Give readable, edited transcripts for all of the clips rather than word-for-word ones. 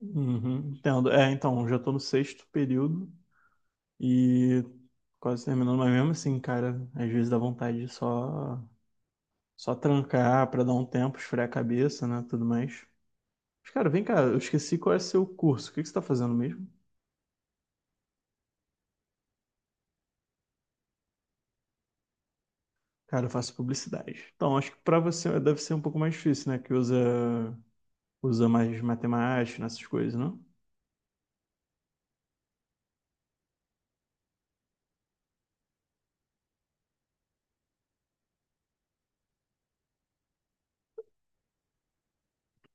Uhum, entendo. É, então, já tô no sexto período e quase terminando, mas mesmo assim, cara, às vezes dá vontade de só trancar pra dar um tempo, esfriar a cabeça, né, tudo mais. Mas, cara, vem cá, eu esqueci qual é seu curso. O que que você tá fazendo mesmo? Cara, eu faço publicidade. Então, acho que pra você deve ser um pouco mais difícil, né, que usa mais matemática, nessas coisas, né?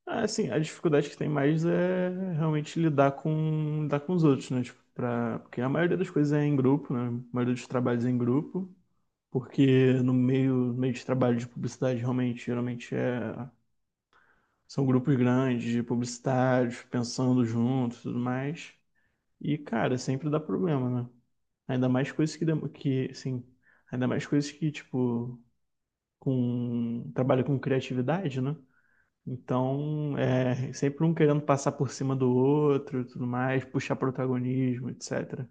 Ah, assim, a dificuldade que tem mais é realmente lidar com os outros, né? Tipo, porque a maioria das coisas é em grupo, né? A maioria dos trabalhos é em grupo, porque no meio de trabalho de publicidade, realmente, geralmente é, são grupos grandes de publicitários, pensando juntos e tudo mais. E, cara, sempre dá problema, né? Ainda mais coisas que, que assim, ainda mais coisas que, tipo, trabalha com criatividade, né? Então, é sempre um querendo passar por cima do outro, e tudo mais, puxar protagonismo, etc.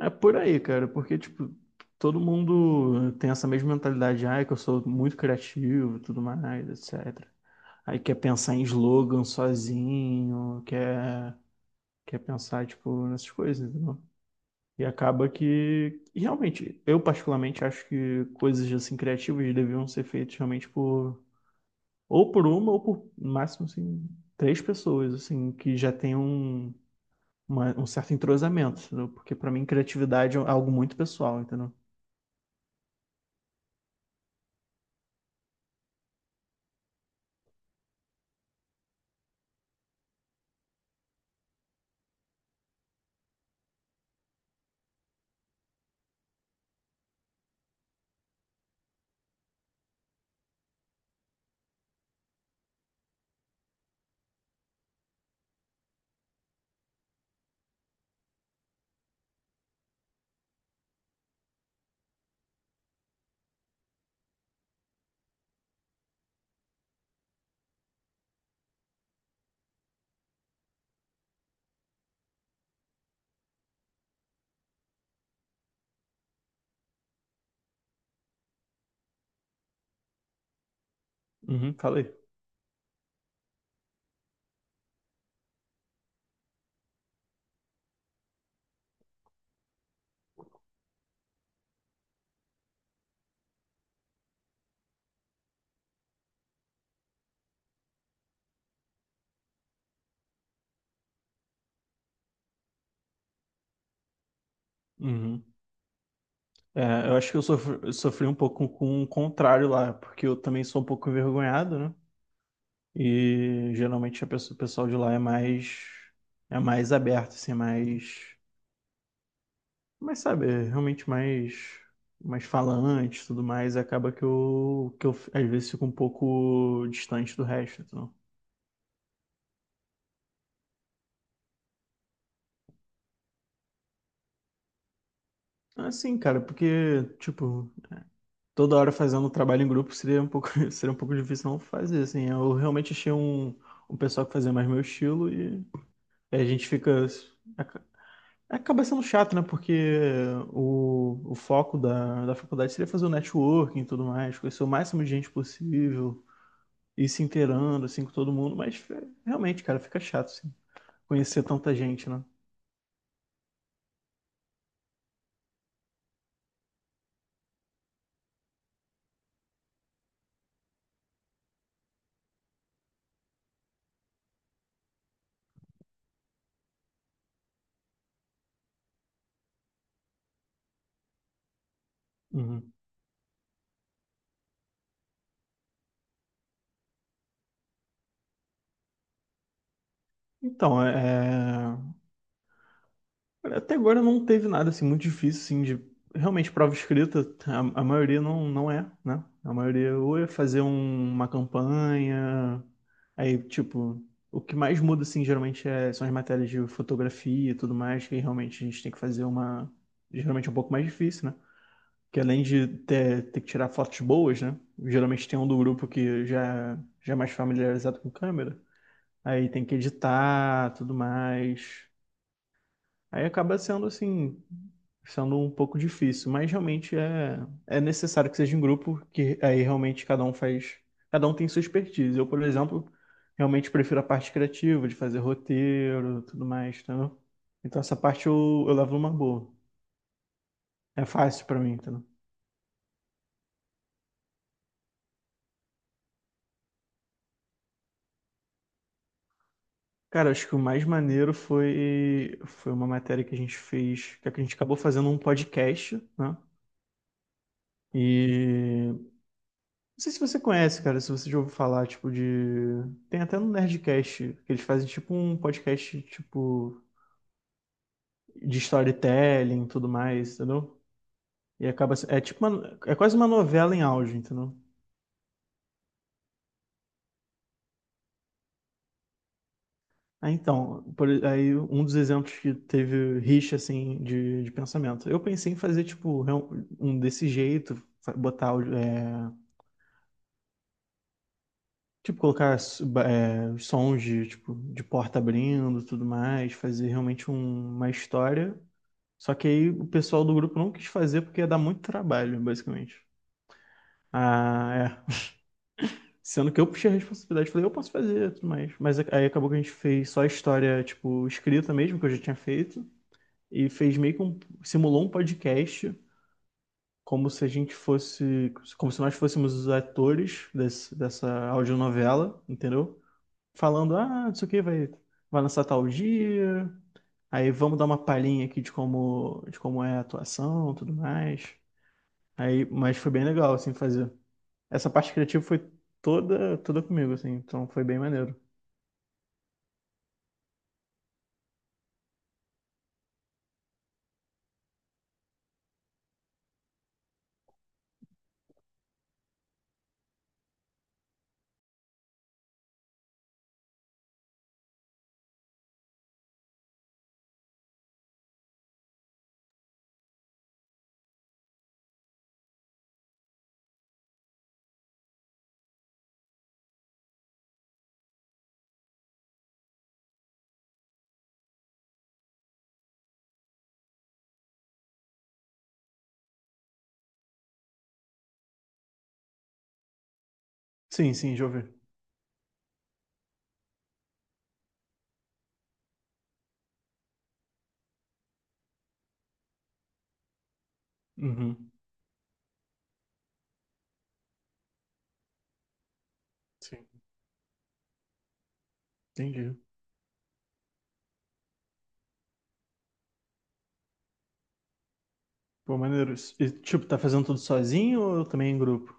É por aí, cara, porque tipo, todo mundo tem essa mesma mentalidade, ai, que eu sou muito criativo, e tudo mais, etc. Aí quer pensar em slogan sozinho, quer pensar tipo nessas coisas, entendeu? E acaba que realmente, eu particularmente acho que coisas assim criativas deviam ser feitas realmente por ou por uma, ou por no máximo assim, três pessoas, assim, que já tem um, um certo entrosamento, entendeu? Porque pra mim criatividade é algo muito pessoal, entendeu? Uhum, falei. Uhum. É, eu acho que eu sofri um pouco com o contrário lá, porque eu também sou um pouco envergonhado, né? E geralmente o pessoal de lá é mais aberto, assim, é mais mas sabe, é realmente mais falante e tudo mais, acaba que eu às vezes fico um pouco distante do resto, então. Assim, cara, porque, tipo, toda hora fazendo trabalho em grupo seria um pouco, seria um pouco difícil não fazer, assim. Eu realmente achei um pessoal que fazia mais meu estilo e a gente fica. aca- Acaba sendo chato, né? Porque o foco da faculdade seria fazer o networking e tudo mais, conhecer o máximo de gente possível. Ir se inteirando, assim, com todo mundo, mas é, realmente, cara, fica chato, assim, conhecer tanta gente, né? Uhum. Então, olha, até agora não teve nada, assim, muito difícil, assim, de... Realmente, prova escrita, a maioria não é, né? A maioria ou é fazer uma campanha, aí, tipo, o que mais muda, assim, geralmente são as matérias de fotografia e tudo mais, que realmente a gente tem que fazer uma. Geralmente é um pouco mais difícil, né? Que além de ter que tirar fotos boas, né? Geralmente tem um do grupo que já é mais familiarizado com câmera. Aí tem que editar, tudo mais. Aí acaba sendo assim, sendo um pouco difícil, mas realmente é necessário que seja em grupo, que aí realmente cada um faz, cada um tem sua expertise. Eu, por exemplo, realmente prefiro a parte criativa, de fazer roteiro, tudo mais, entendeu? Então essa parte eu levo uma boa. É fácil pra mim, entendeu? Cara, acho que o mais maneiro foi uma matéria que a gente fez, que a gente acabou fazendo um podcast, né? E não sei se você conhece, cara, se você já ouviu falar, tipo, de. Tem até no Nerdcast, que eles fazem tipo um podcast, tipo, de storytelling e tudo mais, entendeu? E acaba. É quase uma novela em áudio, entendeu? Ah, então, aí um dos exemplos que teve rixa, assim, de pensamento. Eu pensei em fazer, tipo, um desse jeito, botar áudio. Tipo, colocar sons de, tipo, de porta abrindo, tudo mais, fazer realmente uma história. Só que aí o pessoal do grupo não quis fazer porque ia dar muito trabalho, basicamente. Ah, é. Sendo que eu puxei a responsabilidade, falei, eu posso fazer, tudo mais. Mas aí acabou que a gente fez só a história, tipo, escrita mesmo, que eu já tinha feito. E fez meio que simulou um podcast, como se a gente fosse, como se nós fôssemos os atores dessa audionovela, entendeu? Falando, ah, não sei o que, vai lançar tal dia, aí vamos dar uma palhinha aqui de de como é a atuação, tudo mais. Aí, mas foi bem legal, assim, fazer. Essa parte criativa foi toda, toda comigo, assim, então foi bem maneiro. Sim, sim, já ouvi. Uhum, sim, entendi. Pô, maneiro. E, tipo, tá fazendo tudo sozinho ou também em grupo?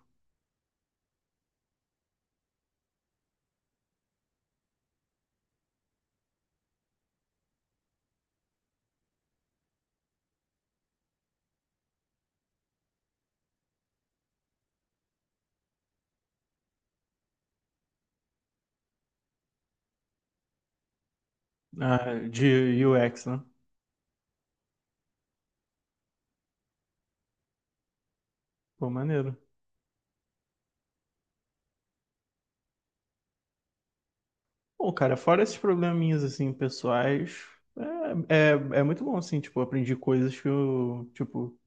Ah, de UX, né? Pô, maneiro. Bom, cara, fora esses probleminhas, assim, pessoais, é, é, é muito bom, assim, tipo, eu aprendi coisas que eu, tipo,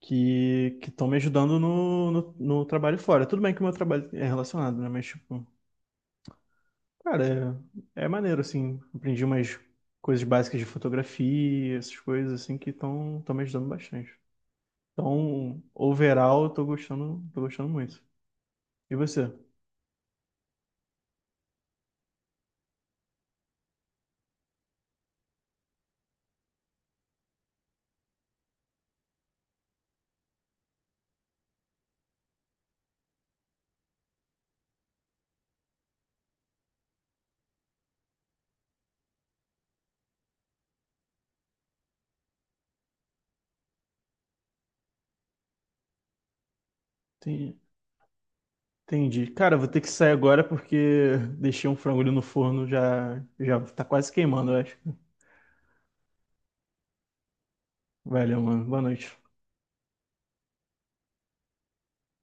que estão me ajudando no trabalho fora. Tudo bem que o meu trabalho é relacionado, né? Mas, tipo, cara, é maneiro, assim. Aprendi umas coisas básicas de fotografia, essas coisas, assim, que estão me ajudando bastante. Então, overall, eu tô gostando muito. E você? Tem- Entendi. Cara, eu vou ter que sair agora porque deixei um frango ali no forno, já tá quase queimando, eu acho. Valeu, mano. Boa noite.